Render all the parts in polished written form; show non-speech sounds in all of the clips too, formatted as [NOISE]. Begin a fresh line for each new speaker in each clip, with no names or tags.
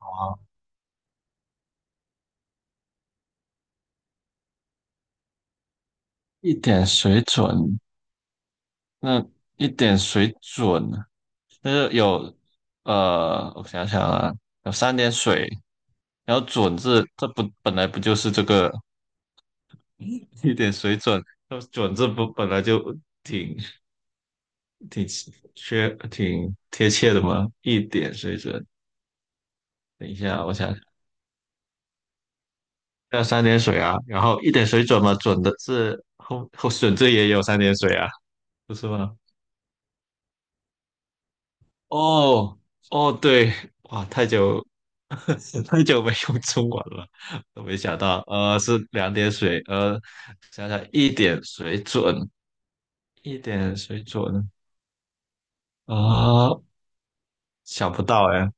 好。一点水准，那一点水准，那就有我想想啊，有三点水，然后准字，这不本来不就是这个一点水准，那准字不本来就挺挺挺贴切的吗？一点水准，等一下，我想想，要三点水啊，然后一点水准嘛，准的字准字也有三点水啊，不是吗？哦。哦，对，哇，太久 [LAUGHS] 太久没用中文了，都没想到，是两点水，想想一点水准，一点水准啊、想不到哎，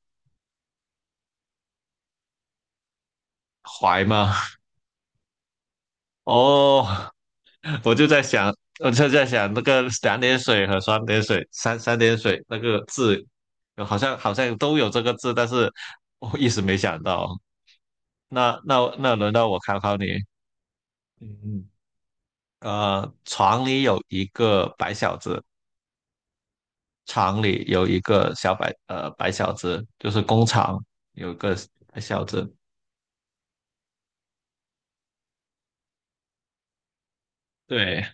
怀吗？哦，[LAUGHS] 我就在想，我就在想那个两点水和三点水，三点水那个字，好像都有这个字，但是我一时没想到。那轮到我考考你。嗯。厂里有一个白小子，厂里有一个小白，白小子就是工厂有一个白小子，对，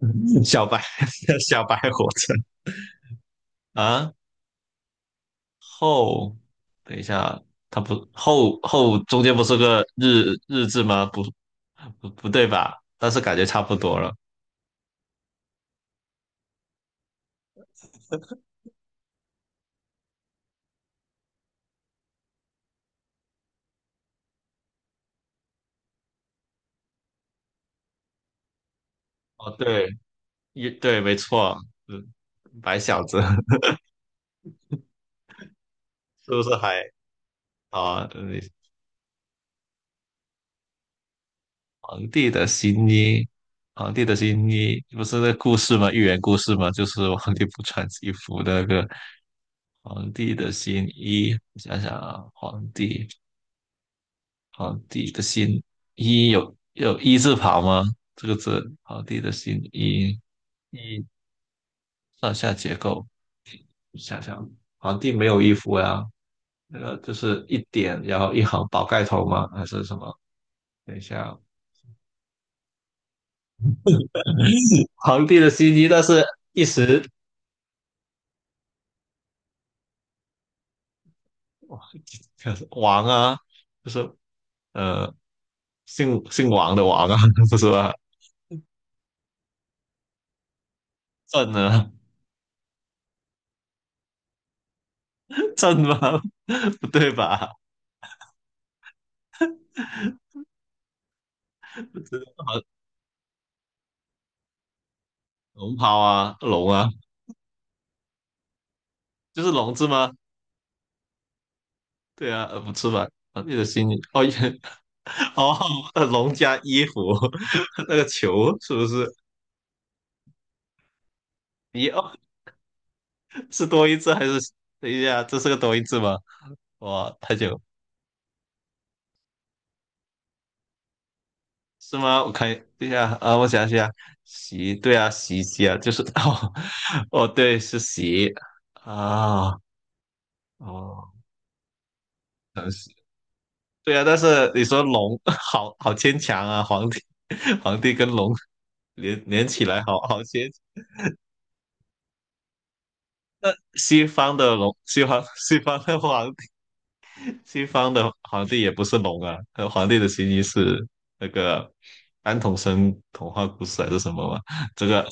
[LAUGHS] 小白 [LAUGHS] 小白火车啊，后，等一下，它不后中间不是个日字吗？不对吧？但是感觉差不多了。哦，对，一对，没错，嗯，白小子 [LAUGHS] 是不是还好啊？皇帝的新衣，皇帝的新衣不是那个故事吗？寓言故事吗？就是皇帝不穿衣服的那个皇帝的新衣。想想啊，皇帝，皇帝的新衣有一字旁吗？这个字，皇帝的新衣，一上下结构。想想，皇帝没有衣服呀、那个就是一点，然后一行宝盖头吗？还是什么？等一下，皇帝的新衣，但是一时哇 [LAUGHS] 王啊，就是呃姓王的王啊，[LAUGHS] 不是吧？朕啊，朕吗？[LAUGHS] 不对吧？龙袍啊，龙啊，就是龙字吗？对啊，不是吧？啊，你的心里哦也 [LAUGHS] 哦，龙加衣服 [LAUGHS] 那个球是不是？一哦，是多音字还是？等一下，这是个多音字吗？哇，太久是吗？我看，对呀，啊，我想想，洗，对啊，洗衣机啊，就是 [LAUGHS] 哦，哦，对，是洗啊，哦，可能是对啊，但是你说龙，[LAUGHS] 好好牵强啊，皇帝，[LAUGHS] 皇帝跟龙连起来好，好牵，西方的龙，西方的皇帝，西方的皇帝也不是龙啊，皇帝的形意是那个安徒生童话故事还是什么嘛？这个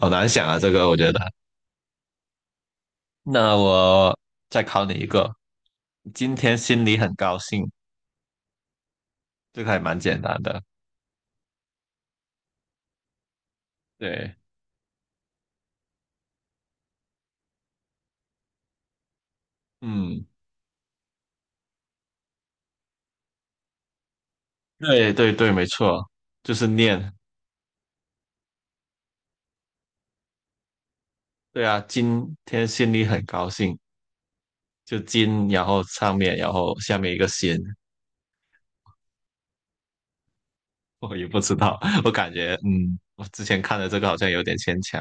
好难想啊，这个我觉得。那我再考你一个，今天心里很高兴，这个还蛮简单的。对，嗯，对对对，没错，就是念。对啊，今天心里很高兴，就今，然后上面，然后下面一个心，[LAUGHS] 我也不知道，[LAUGHS] 我感觉，嗯，我之前看的这个好像有点牵强。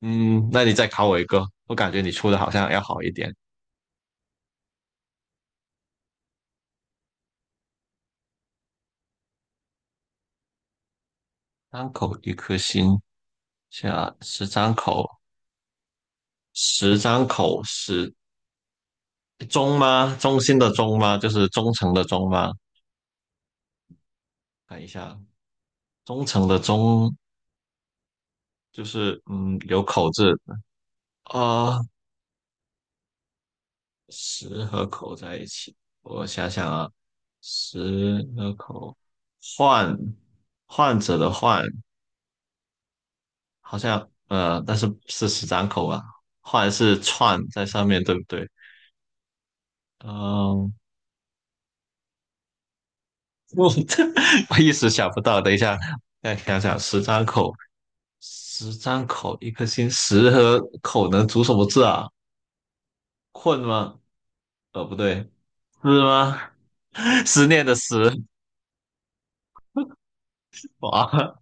嗯，那你再考我一个，我感觉你出的好像要好一点。张口一颗心，下十张口，十张口，十中吗？中心的中吗？就是忠诚的忠吗？看一下，忠诚的忠就是嗯，有口字啊，十和口在一起。我想想啊，十和口，患患者的患，好像但是是十张口吧？患是串在上面，对不对？嗯，我 [LAUGHS] 我一时想不到，等一下再想想，十张口。十张口一颗心，十和口能组什么字啊？困吗？不对，是吗？[LAUGHS] 思念的思啊，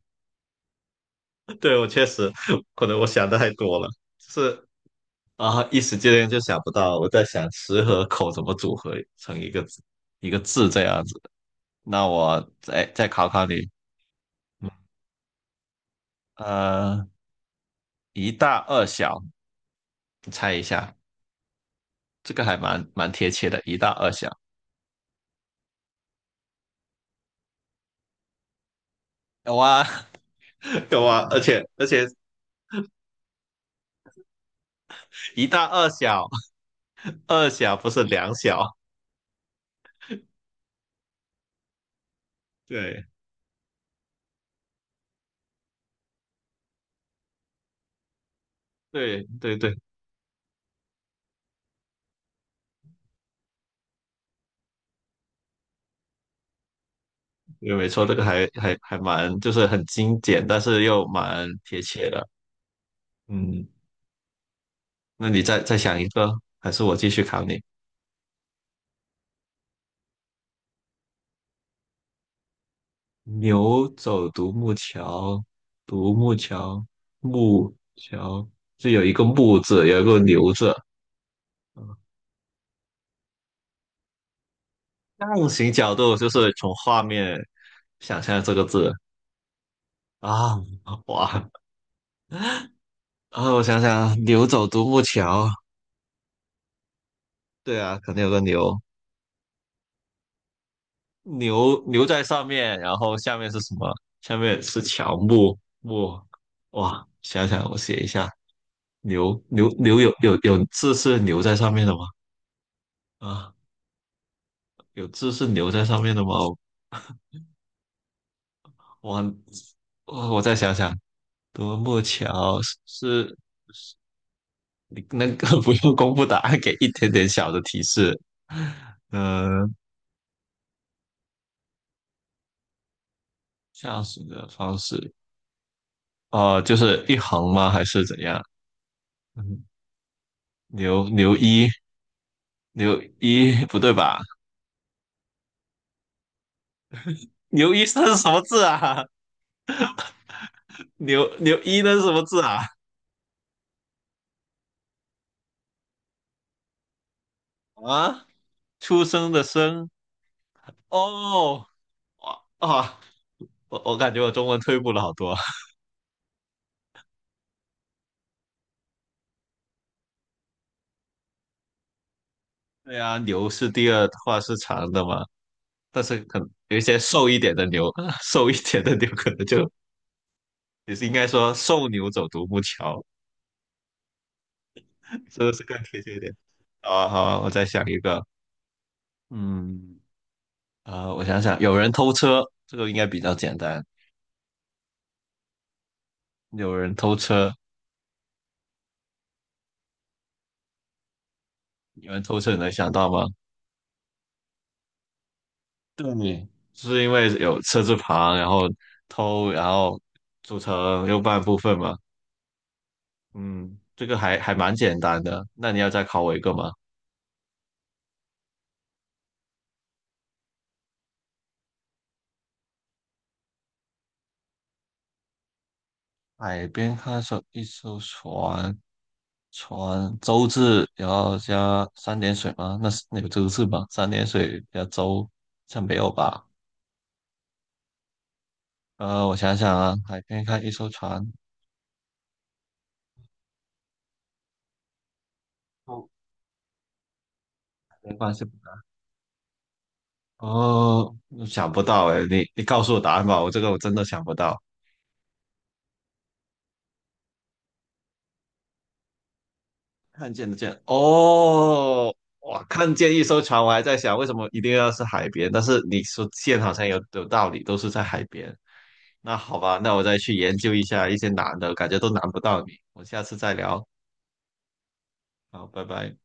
[LAUGHS] 对我确实可能我想的太多了，就是啊，一时之间就想不到。我在想十和口怎么组合成一个字一个字这样子。那我再考考你，呃，一大二小，你猜一下，这个还蛮贴切的，一大二小。有啊，[LAUGHS] 有啊，而且一大二小，二小不是两小。对对对对，对，没错，这个还蛮就是很精简，但是又蛮贴切的。嗯，那你再想一个，还是我继续考你？牛走独木桥，独木桥，木桥就有一个木字，有一个牛字。象形角度就是从画面想象这个字啊，哇啊，我想想，牛走独木桥，对啊，可能有个牛，牛在上面，然后下面是什么？下面是乔木木，哇！想想我写一下，牛有字是牛在上面的吗？啊，有字是牛在上面的吗？我我再想想，独木桥是你那个 [LAUGHS] 不用公布答案，给一点点小的提示。嗯、驾驶的方式，哦、就是一横吗？还是怎样？嗯，牛一。牛一不对吧？牛一生是什么字啊？[LAUGHS] 牛一那是什么字啊？啊，出生的生哦，哇啊，我我感觉我中文退步了好多。[LAUGHS] 对啊，牛是第二话是长的嘛，但是可能有一些瘦一点的牛，[LAUGHS] 瘦一点的牛可能就 [LAUGHS] 也是应该说瘦牛走独木桥，这个是更贴切一点。好啊，好啊我再想一个，嗯，啊、我想想，有人偷车，这个应该比较简单。有人偷车，你们偷车你能想到吗？对，是因为有车字旁，然后偷，然后组成右半部分嘛。嗯，这个还蛮简单的。那你要再考我一个吗？海边看守一艘船，船舟字，然后加三点水吗？那是那有这个舟字吗？三点水加舟，像没有吧？我想想啊，海边看一艘船，哦，没关系。哦，想不到哎，你你告诉我答案吧，我这个我真的想不到。看见的见哦，哇，看见一艘船，我还在想为什么一定要是海边，但是你说见好像有道理，都是在海边。那好吧，那我再去研究一下一些难的，感觉都难不到你。我们下次再聊，好，拜拜。